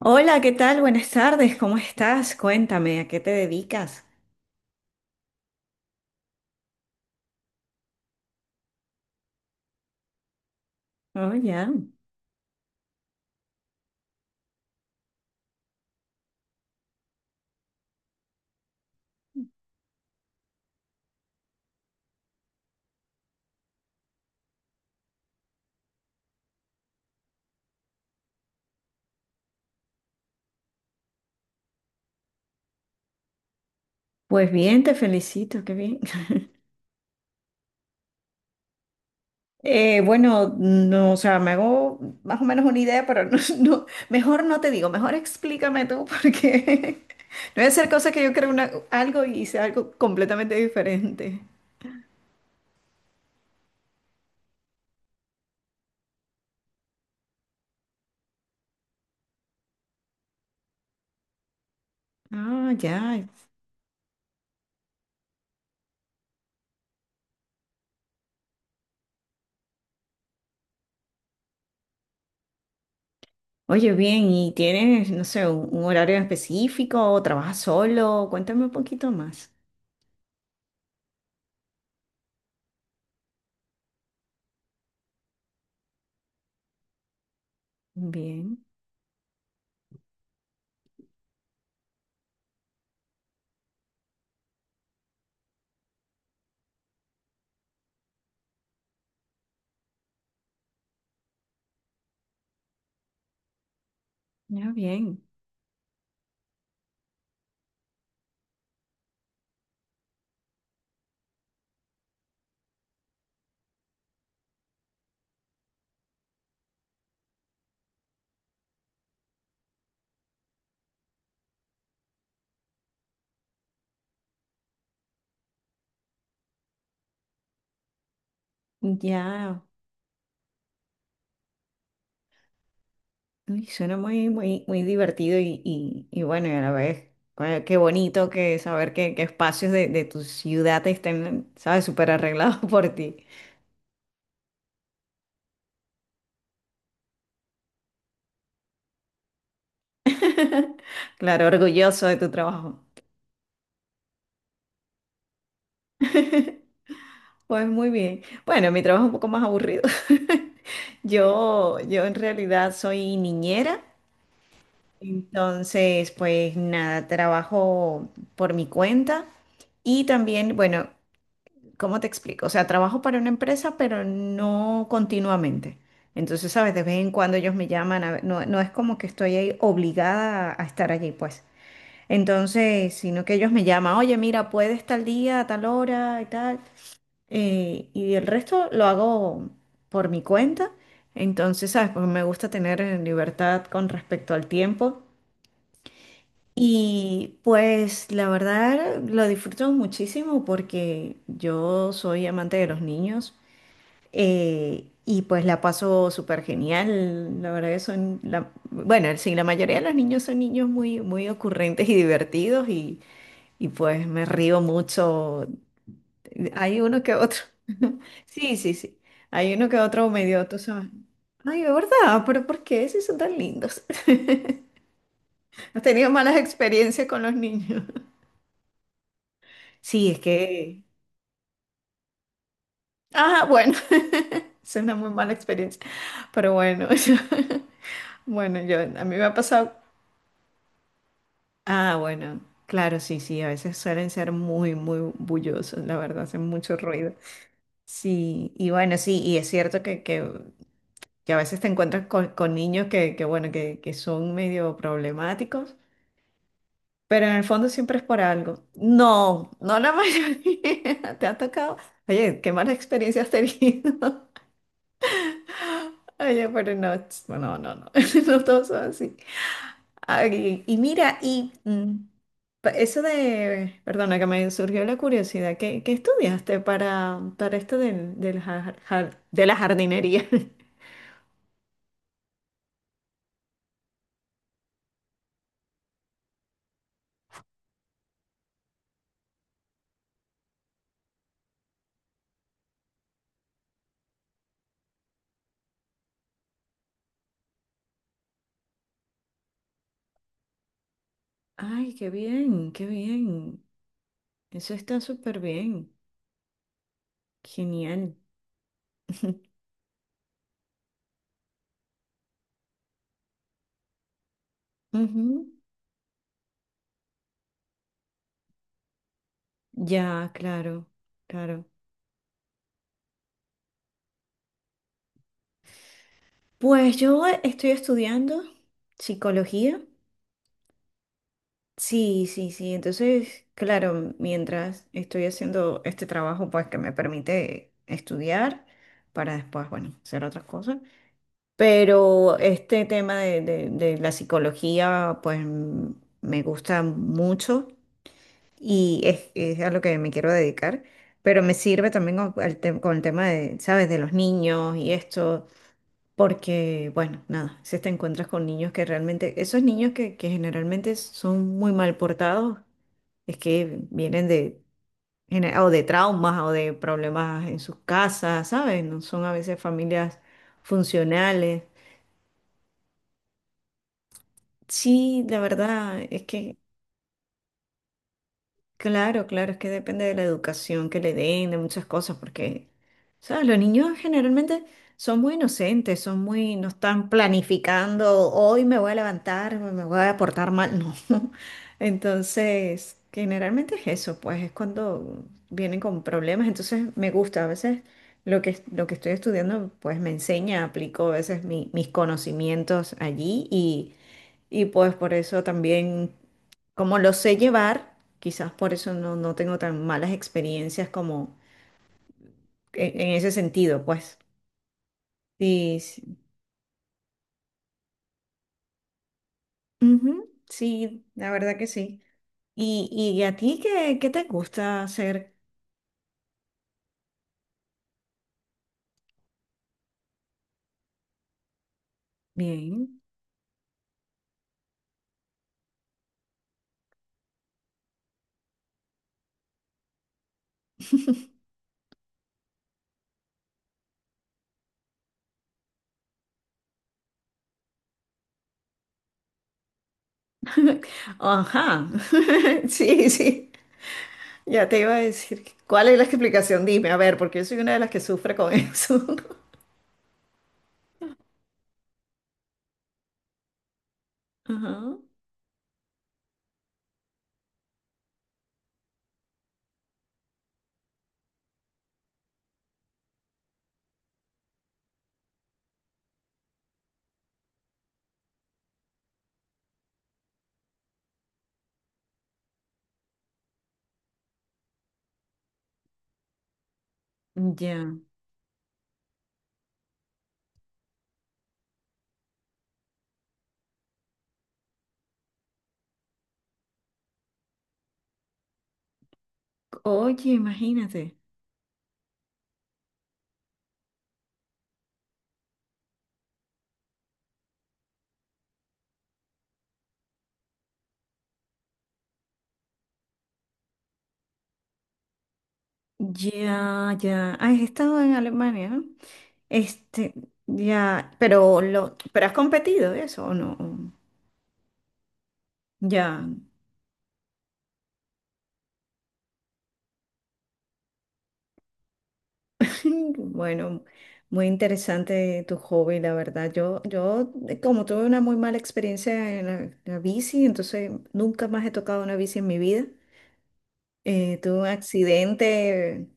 Hola, ¿qué tal? Buenas tardes, ¿cómo estás? Cuéntame, ¿a qué te dedicas? Oh, ya. Pues bien, te felicito, qué bien. Bueno, no, o sea, me hago más o menos una idea, pero no, no, mejor no te digo, mejor explícame tú, porque no voy a hacer cosas que yo creo algo y sea algo completamente diferente. Ah, ya. Oye, bien, ¿y tienes, no sé, un horario específico o trabajas solo? Cuéntame un poquito más. Bien, ya bien. Ya. Uy, suena muy, muy, muy divertido y bueno, y a la vez, qué bonito que saber que espacios de tu ciudad estén, ¿sabes?, súper arreglados por ti. Claro, orgulloso de tu trabajo. Pues muy bien. Bueno, mi trabajo es un poco más aburrido. Yo en realidad soy niñera, entonces pues nada, trabajo por mi cuenta y también, bueno, ¿cómo te explico? O sea, trabajo para una empresa, pero no continuamente. Entonces, ¿sabes? De vez en cuando ellos me llaman, a ver, no, no es como que estoy ahí obligada a estar allí, pues. Entonces, sino que ellos me llaman, oye, mira, puedes tal día, a tal hora y tal. Y el resto lo hago por mi cuenta. Entonces, ¿sabes? Porque me gusta tener libertad con respecto al tiempo. Y pues la verdad lo disfruto muchísimo porque yo soy amante de los niños, y pues la paso súper genial. La verdad que son, la, bueno, sí, la mayoría de los niños son niños muy, muy ocurrentes y divertidos y pues me río mucho. Hay uno que otro. Sí, sí, sí. Hay uno que otro medio, tú sabes. Ay, de verdad, pero ¿por qué? Si son tan lindos. Has tenido malas experiencias con los niños. Sí, es que... Ah, bueno. Es una muy mala experiencia. Pero bueno, bueno, yo, a mí me ha pasado. Ah, bueno, claro, sí, sí, a veces suelen ser muy, muy bullosos, la verdad, hacen mucho ruido. Sí, y bueno, sí, y es cierto que a veces te encuentras con niños que, bueno, que son medio problemáticos, pero en el fondo siempre es por algo. No, no la mayoría, te ha tocado. Oye, qué mala experiencia has tenido. Oye, pero no, no, no, no, no todos son así. Ay, y mira, y eso de, perdona que me surgió la curiosidad, ¿qué, qué estudiaste para esto del, de la jardinería? Ay, qué bien, qué bien. Eso está súper bien. Genial. Ujú. Ya, claro, claro. Pues yo estoy estudiando psicología. Sí, sí, sí. Entonces, claro, mientras estoy haciendo este trabajo, pues que me permite estudiar para después, bueno, hacer otras cosas. Pero este tema de, de la psicología, pues me gusta mucho y es a lo que me quiero dedicar. Pero me sirve también con, con el tema de, ¿sabes? De los niños y esto. Porque, bueno, nada, si te encuentras con niños que realmente, esos niños que generalmente son muy mal portados es que vienen de, o de traumas o de problemas en sus casas, ¿sabes? No son a veces familias funcionales. Sí, la verdad, es que... Claro, claro, es que depende de la educación que le den, de muchas cosas, porque, ¿sabes? Los niños generalmente son muy inocentes, son muy, no están planificando, hoy me voy a levantar, me voy a portar mal, no. Entonces, generalmente es eso, pues es cuando vienen con problemas, entonces me gusta, a veces lo que estoy estudiando, pues me enseña, aplico a veces mis conocimientos allí y pues por eso también, como lo sé llevar, quizás por eso no, no tengo tan malas experiencias como en ese sentido, pues. Sí, sí. Ujú, sí, la verdad que sí. ¿Y, y a ti qué, qué te gusta hacer bien? Ajá, sí, sí. Ya te iba a decir, ¿cuál es la explicación? Dime, a ver, porque yo soy una de las que sufre con eso. Ajá. Ya. Oye, imagínate. Ya, ya. Ah, has estado en Alemania, ¿no? Este, ya, pero lo, pero ¿has competido eso o no? Ya. Bueno, muy interesante tu hobby, la verdad. Yo, como tuve una muy mala experiencia en la, la bici, entonces nunca más he tocado una bici en mi vida. Tuve un accidente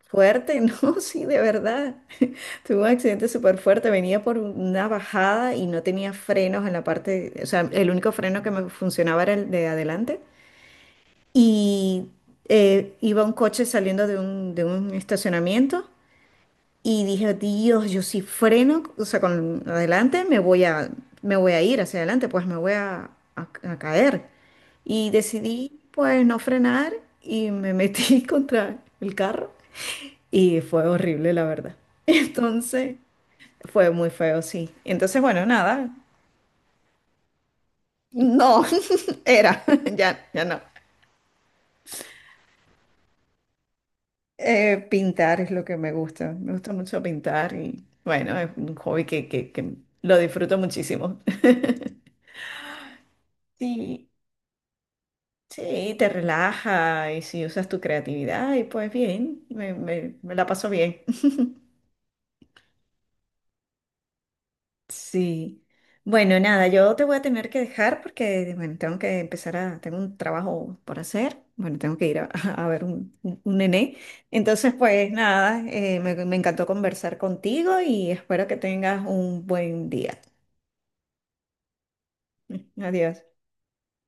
fuerte, no, sí, de verdad. Tuve un accidente súper fuerte. Venía por una bajada y no tenía frenos en la parte, o sea, el único freno que me funcionaba era el de adelante. Y iba un coche saliendo de un estacionamiento y dije, Dios, yo si freno, o sea, con adelante me voy a ir hacia adelante, pues me voy a, a caer. Y decidí, pues, no frenar y me metí contra el carro y fue horrible, la verdad. Entonces, fue muy feo, sí. Entonces, bueno, nada, no, era, ya, ya no. Pintar es lo que me gusta mucho pintar y, bueno, es un hobby que, que lo disfruto muchísimo. Sí. Sí, te relaja y si usas tu creatividad y pues bien, me, me la paso bien. Sí. Bueno, nada, yo te voy a tener que dejar porque, bueno, tengo que empezar a, tengo un trabajo por hacer, bueno, tengo que ir a, a ver un, un nené. Entonces, pues nada, me encantó conversar contigo y espero que tengas un buen día. Adiós.